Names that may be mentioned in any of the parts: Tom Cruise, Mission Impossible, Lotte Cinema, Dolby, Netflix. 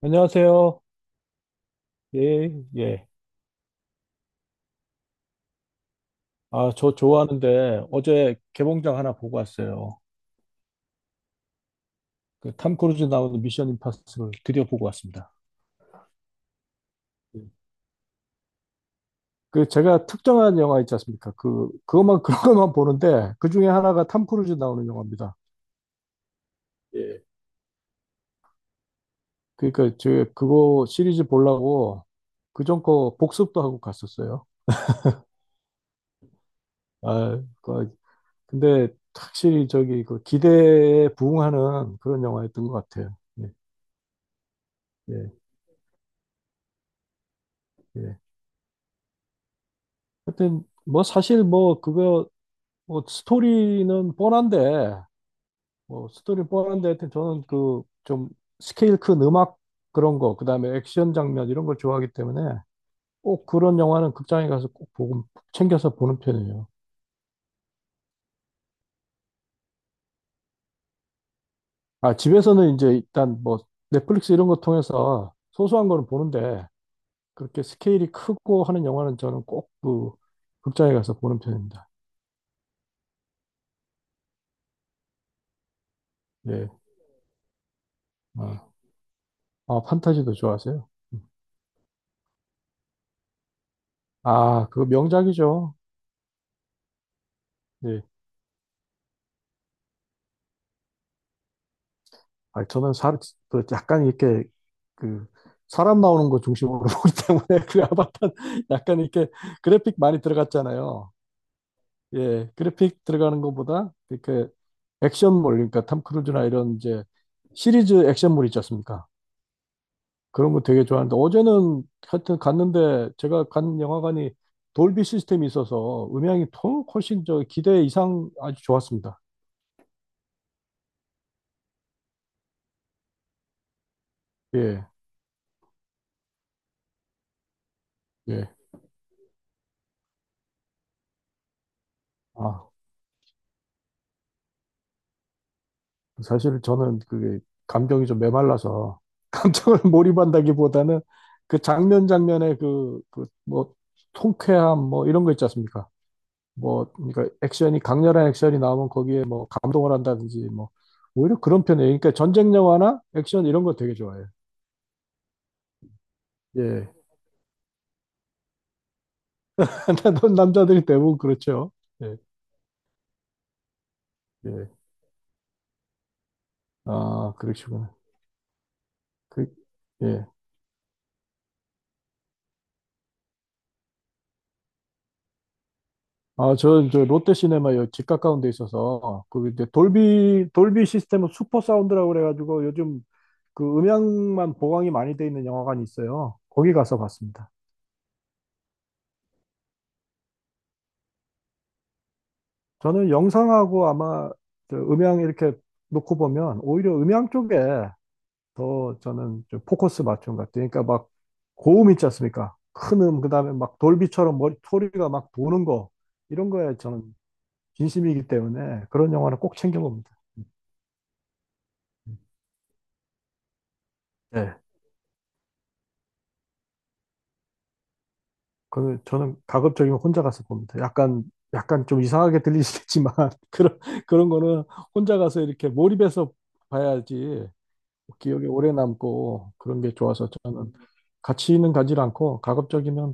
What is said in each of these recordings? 안녕하세요. 예, 예. 아, 저 좋아하는데 어제 개봉작 하나 보고 왔어요. 그탐 크루즈 나오는 미션 임파서블 드디어 보고 왔습니다. 예. 그 제가 특정한 영화 있지 않습니까? 그것만 그런 것만 보는데 그 중에 하나가 탐 크루즈 나오는 영화입니다. 예. 그러니까 제 그거 시리즈 보려고 그전 거 복습도 하고 갔었어요. 아, 그 근데 확실히 저기 그 기대에 부응하는 그런 영화였던 것 같아요. 예, 예, 예. 하여튼 뭐 사실 뭐 그거 뭐 스토리는 뻔한데 뭐 스토리는 뻔한데 하여튼 저는 그 좀 스케일 큰 음악 그런 거 그다음에 액션 장면 이런 걸 좋아하기 때문에 꼭 그런 영화는 극장에 가서 꼭 보고 챙겨서 보는 편이에요. 아 집에서는 이제 일단 뭐 넷플릭스 이런 거 통해서 소소한 거는 보는데 그렇게 스케일이 크고 하는 영화는 저는 꼭 그 극장에 가서 보는 편입니다. 예. 아, 아, 판타지도 좋아하세요? 음. 아, 그거 명작이죠. 예. 아니, 저는 사, 그 약간 이렇게 그 사람 나오는 거 중심으로 보기 때문에 그 아바타 약간 이렇게 그래픽 많이 들어갔잖아요. 예, 그래픽 들어가는 것보다 이렇게 액션물, 그러니까 탐 크루즈나 이런 이제 시리즈 액션물 있지 않습니까? 그런 거 되게 좋아하는데 어제는 하여튼 갔는데 제가 간 영화관이 돌비 시스템이 있어서 음향이 통 훨씬 저 기대 이상 아주 좋았습니다. 예, 예. 아. 사실 저는 그게 감정이 좀 메말라서 감정을 몰입한다기보다는 그 장면 장면의 그, 그 뭐 통쾌함 뭐 이런 거 있지 않습니까? 뭐 그러니까 액션이 강렬한 액션이 나오면 거기에 뭐 감동을 한다든지 뭐 오히려 그런 편이에요. 그러니까 전쟁 영화나 액션 이런 거 되게 좋아해요. 예. 남자들이 대부분 그렇죠. 예. 예. 아, 그러시구나. 그, 예. 아, 롯데시네마 여기 집 가까운 데 있어서, 그 이제 돌비 시스템은 슈퍼 사운드라고 그래가지고 요즘 그 음향만 보강이 많이 돼 있는 영화관이 있어요. 거기 가서 봤습니다. 저는 영상하고 아마 저 음향 이렇게 놓고 보면 오히려 음향 쪽에 더 저는 좀 포커스 맞춘 것 같아요. 그러니까 막 고음 있지 않습니까? 큰 그 다음에 막 돌비처럼 머리, 소리가 막 도는 거, 이런 거에 저는 진심이기 때문에 그런 영화는 꼭 챙겨봅니다. 네. 그 저는 가급적이면 혼자 가서 봅니다. 약간 좀 이상하게 들리시겠지만 그런 그런 거는 혼자 가서 이렇게 몰입해서 봐야지 기억에 오래 남고 그런 게 좋아서 저는 같이는 가지 않고 가급적이면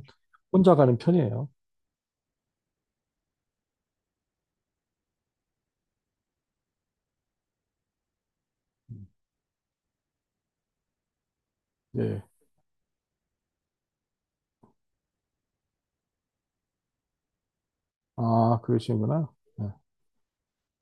혼자 가는 편이에요. 예. 아, 그러시구나. 예.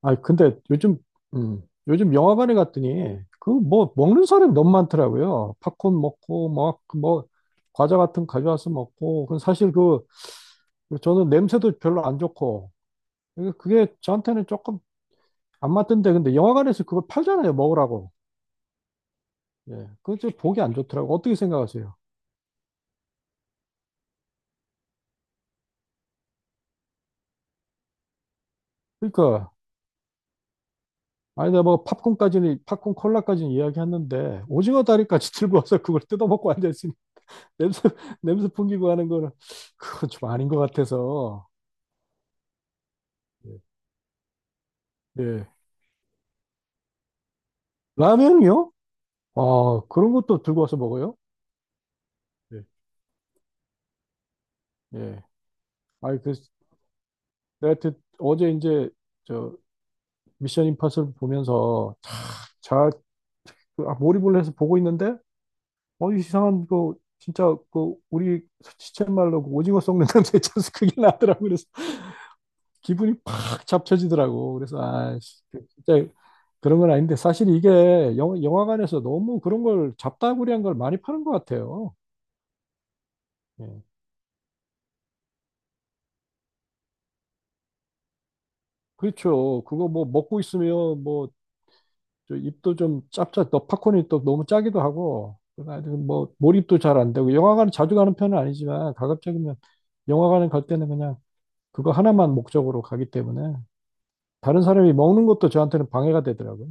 아, 근데 요즘 음, 요즘 영화관에 갔더니 그 뭐 먹는 사람이 너무 많더라고요. 팝콘 먹고 막 뭐 과자 같은 거 가져와서 먹고 그 사실 그 그리고 저는 냄새도 별로 안 좋고 게 그게 저한테는 조금 안 맞던데 근데 영화관에서 그걸 팔잖아요 먹으라고 예그게좀 보기 안 좋더라고 어떻게 생각하세요? 그러니까 아니 내가 뭐 팝콘까지는 팝콘 콜라까지는 이야기했는데 오징어 다리까지 들고 와서 그걸 뜯어먹고 앉아있으니 냄새 냄새 풍기고 하는 거는 그건 좀 아닌 것 같아서 예 예. 라면이요? 아 그런 것도 들고 와서 먹어요? 예 예. 아니 그 내가 그 어제 이제 저 미션 임파서블 보면서 잘 그, 아, 몰입을 해서 보고 있는데, 어, 이상한 거, 진짜 그, 우리 시쳇말로 그 오징어 썩는 냄새 있잖아요. 그게 나더라고. 그래서 기분이 팍 잡쳐지더라고. 그래서, 아, 씨, 그 진짜 그런 건 아닌데, 사실 이게 영화관에서 너무 그런 걸 잡다구리한 걸 많이 파는 것 같아요. 예. 그렇죠. 그거 뭐 먹고 있으면 뭐, 저 입도 좀 짭짭, 또 팝콘이 또 너무 짜기도 하고, 그래가 뭐, 몰입도 잘 안 되고, 영화관 자주 가는 편은 아니지만, 가급적이면 영화관에 갈 때는 그냥 그거 하나만 목적으로 가기 때문에 다른 사람이 먹는 것도 저한테는 방해가 되더라고요.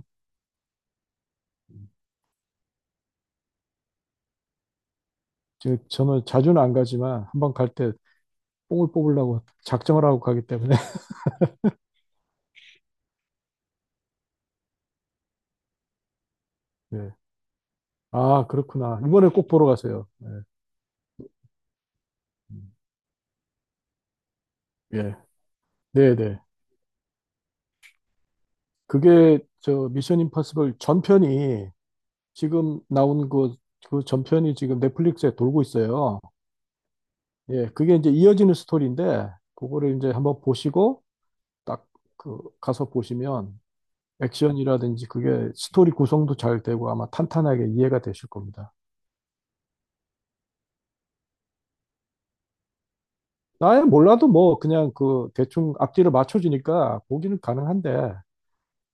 즉, 저는 자주는 안 가지만 한번 갈 때 뽕을 뽑으려고 작정을 하고 가기 때문에. 예. 아, 그렇구나. 이번에 꼭 보러 가세요. 예. 음. 예. 네, 네. 그게 저 미션 임파서블 전편이 지금 나온 그, 그 전편이 지금 넷플릭스에 돌고 있어요. 예. 그게 이제 이어지는 스토리인데 그거를 이제 한번 보시고 딱 그 가서 보시면 액션이라든지 그게 스토리 구성도 잘 되고 아마 탄탄하게 이해가 되실 겁니다. 아예 몰라도 뭐 그냥 그 대충 앞뒤를 맞춰주니까 보기는 가능한데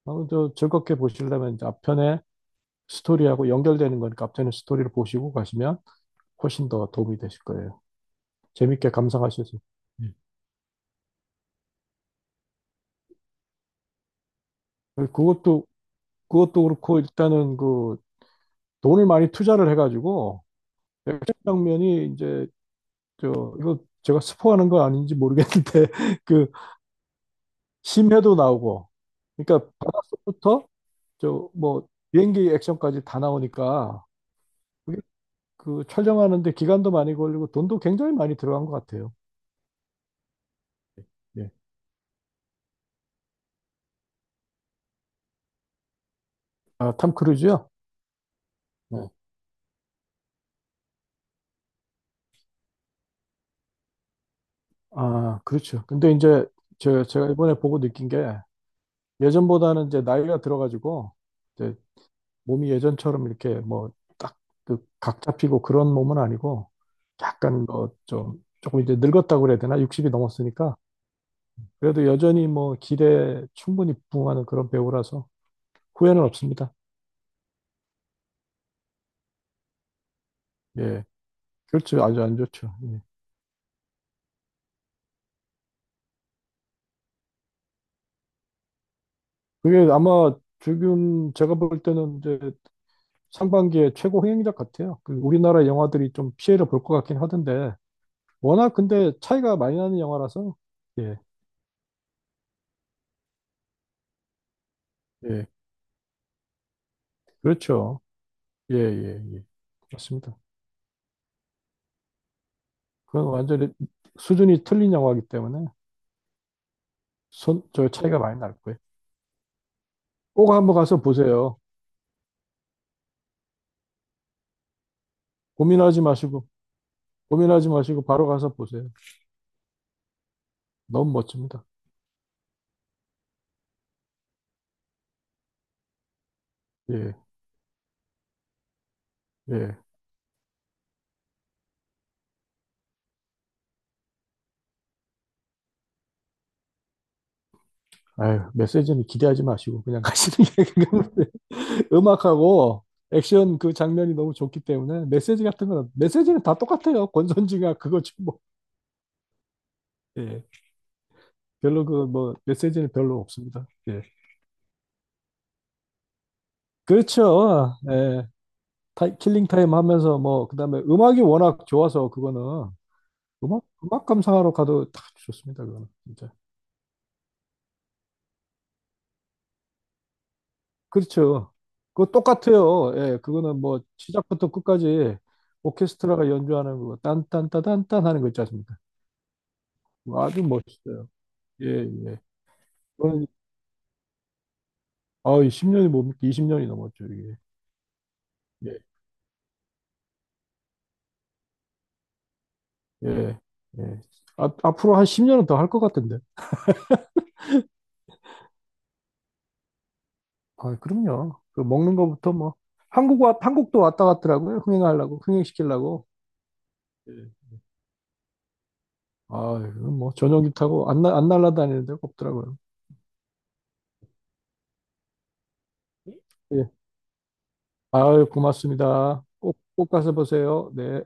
어, 저 즐겁게 보시려면 이제 앞편에 스토리하고 연결되는 거니까 앞편에 스토리를 보시고 가시면 훨씬 더 도움이 되실 거예요. 재밌게 감상하셔서. 예. 그것도 그것도 그렇고 일단은 그 돈을 많이 투자를 해가지고 액션 장면이 이제 저 이거 제가 스포하는 거 아닌지 모르겠는데 그 심해도 나오고, 그러니까 바닷속부터 저 뭐 비행기 액션까지 다 나오니까 그게 그 촬영하는데 기간도 많이 걸리고 돈도 굉장히 많이 들어간 것 같아요. 예. 아, 탐 크루즈요? 네. 아, 그렇죠. 근데 이제 저 제가 이번에 보고 느낀 게 예전보다는 이제 나이가 들어가지고 이제 몸이 예전처럼 이렇게 뭐 딱 그 각 잡히고 그런 몸은 아니고 약간 뭐 좀 조금 이제 늙었다고 그래야 되나? 60이 넘었으니까 그래도 여전히 뭐 기대에 충분히 부응하는 그런 배우라서 후회는 없습니다. 예. 그렇죠. 아주 안 좋죠. 예. 그게 아마 지금 제가 볼 때는 이제 상반기에 최고 흥행작 같아요. 그 우리나라 영화들이 좀 피해를 볼 것 같긴 하던데 워낙 근데 차이가 많이 나는 영화라서 예. 예. 그렇죠. 예, 예, 예. 맞습니다. 그건 완전히 수준이 틀린 영화이기 때문에 손, 저 차이가 많이 날 거예요. 꼭 한번 가서 보세요. 고민하지 마시고, 고민하지 마시고 바로 가서 보세요. 너무 멋집니다. 예, 예. 아유, 메시지는 기대하지 마시고 그냥 가시는 게 그냥 음악하고 액션 그 장면이 너무 좋기 때문에 메시지 같은 건 메시지는 다 똑같아요. 권선징악 그거지 뭐. 예. 별로 그 뭐 메시지는 별로 없습니다. 예. 그렇죠. 예. 타, 킬링 타임 하면서 뭐 그다음에 음악이 워낙 좋아서 그거는 음악 감상하러 가도 딱 좋습니다. 그거는 진짜. 그렇죠. 그거 똑같아요. 예, 그거는 뭐 시작부터 끝까지 오케스트라가 연주하는 거 딴딴따단딴 하는 거 있지 않습니까? 그거 아주 멋있어요. 예, 예. 그건 아 10년이 뭡니까? 20년이 넘었죠, 이게. 예, 예, 예. 앞 앞으로 한 10년은 더 할 것 같은데. 아, 그럼요. 그 먹는 거부터 뭐 한국 와 한국도 왔다 갔더라고요. 흥행하려고, 흥행시키려고. 예. 아, 이건 뭐 전용기 타고 안, 날- 안 날아다니는 데가 없더라고요. 예. 아유, 고맙습니다. 꼭, 꼭 가서 보세요. 네.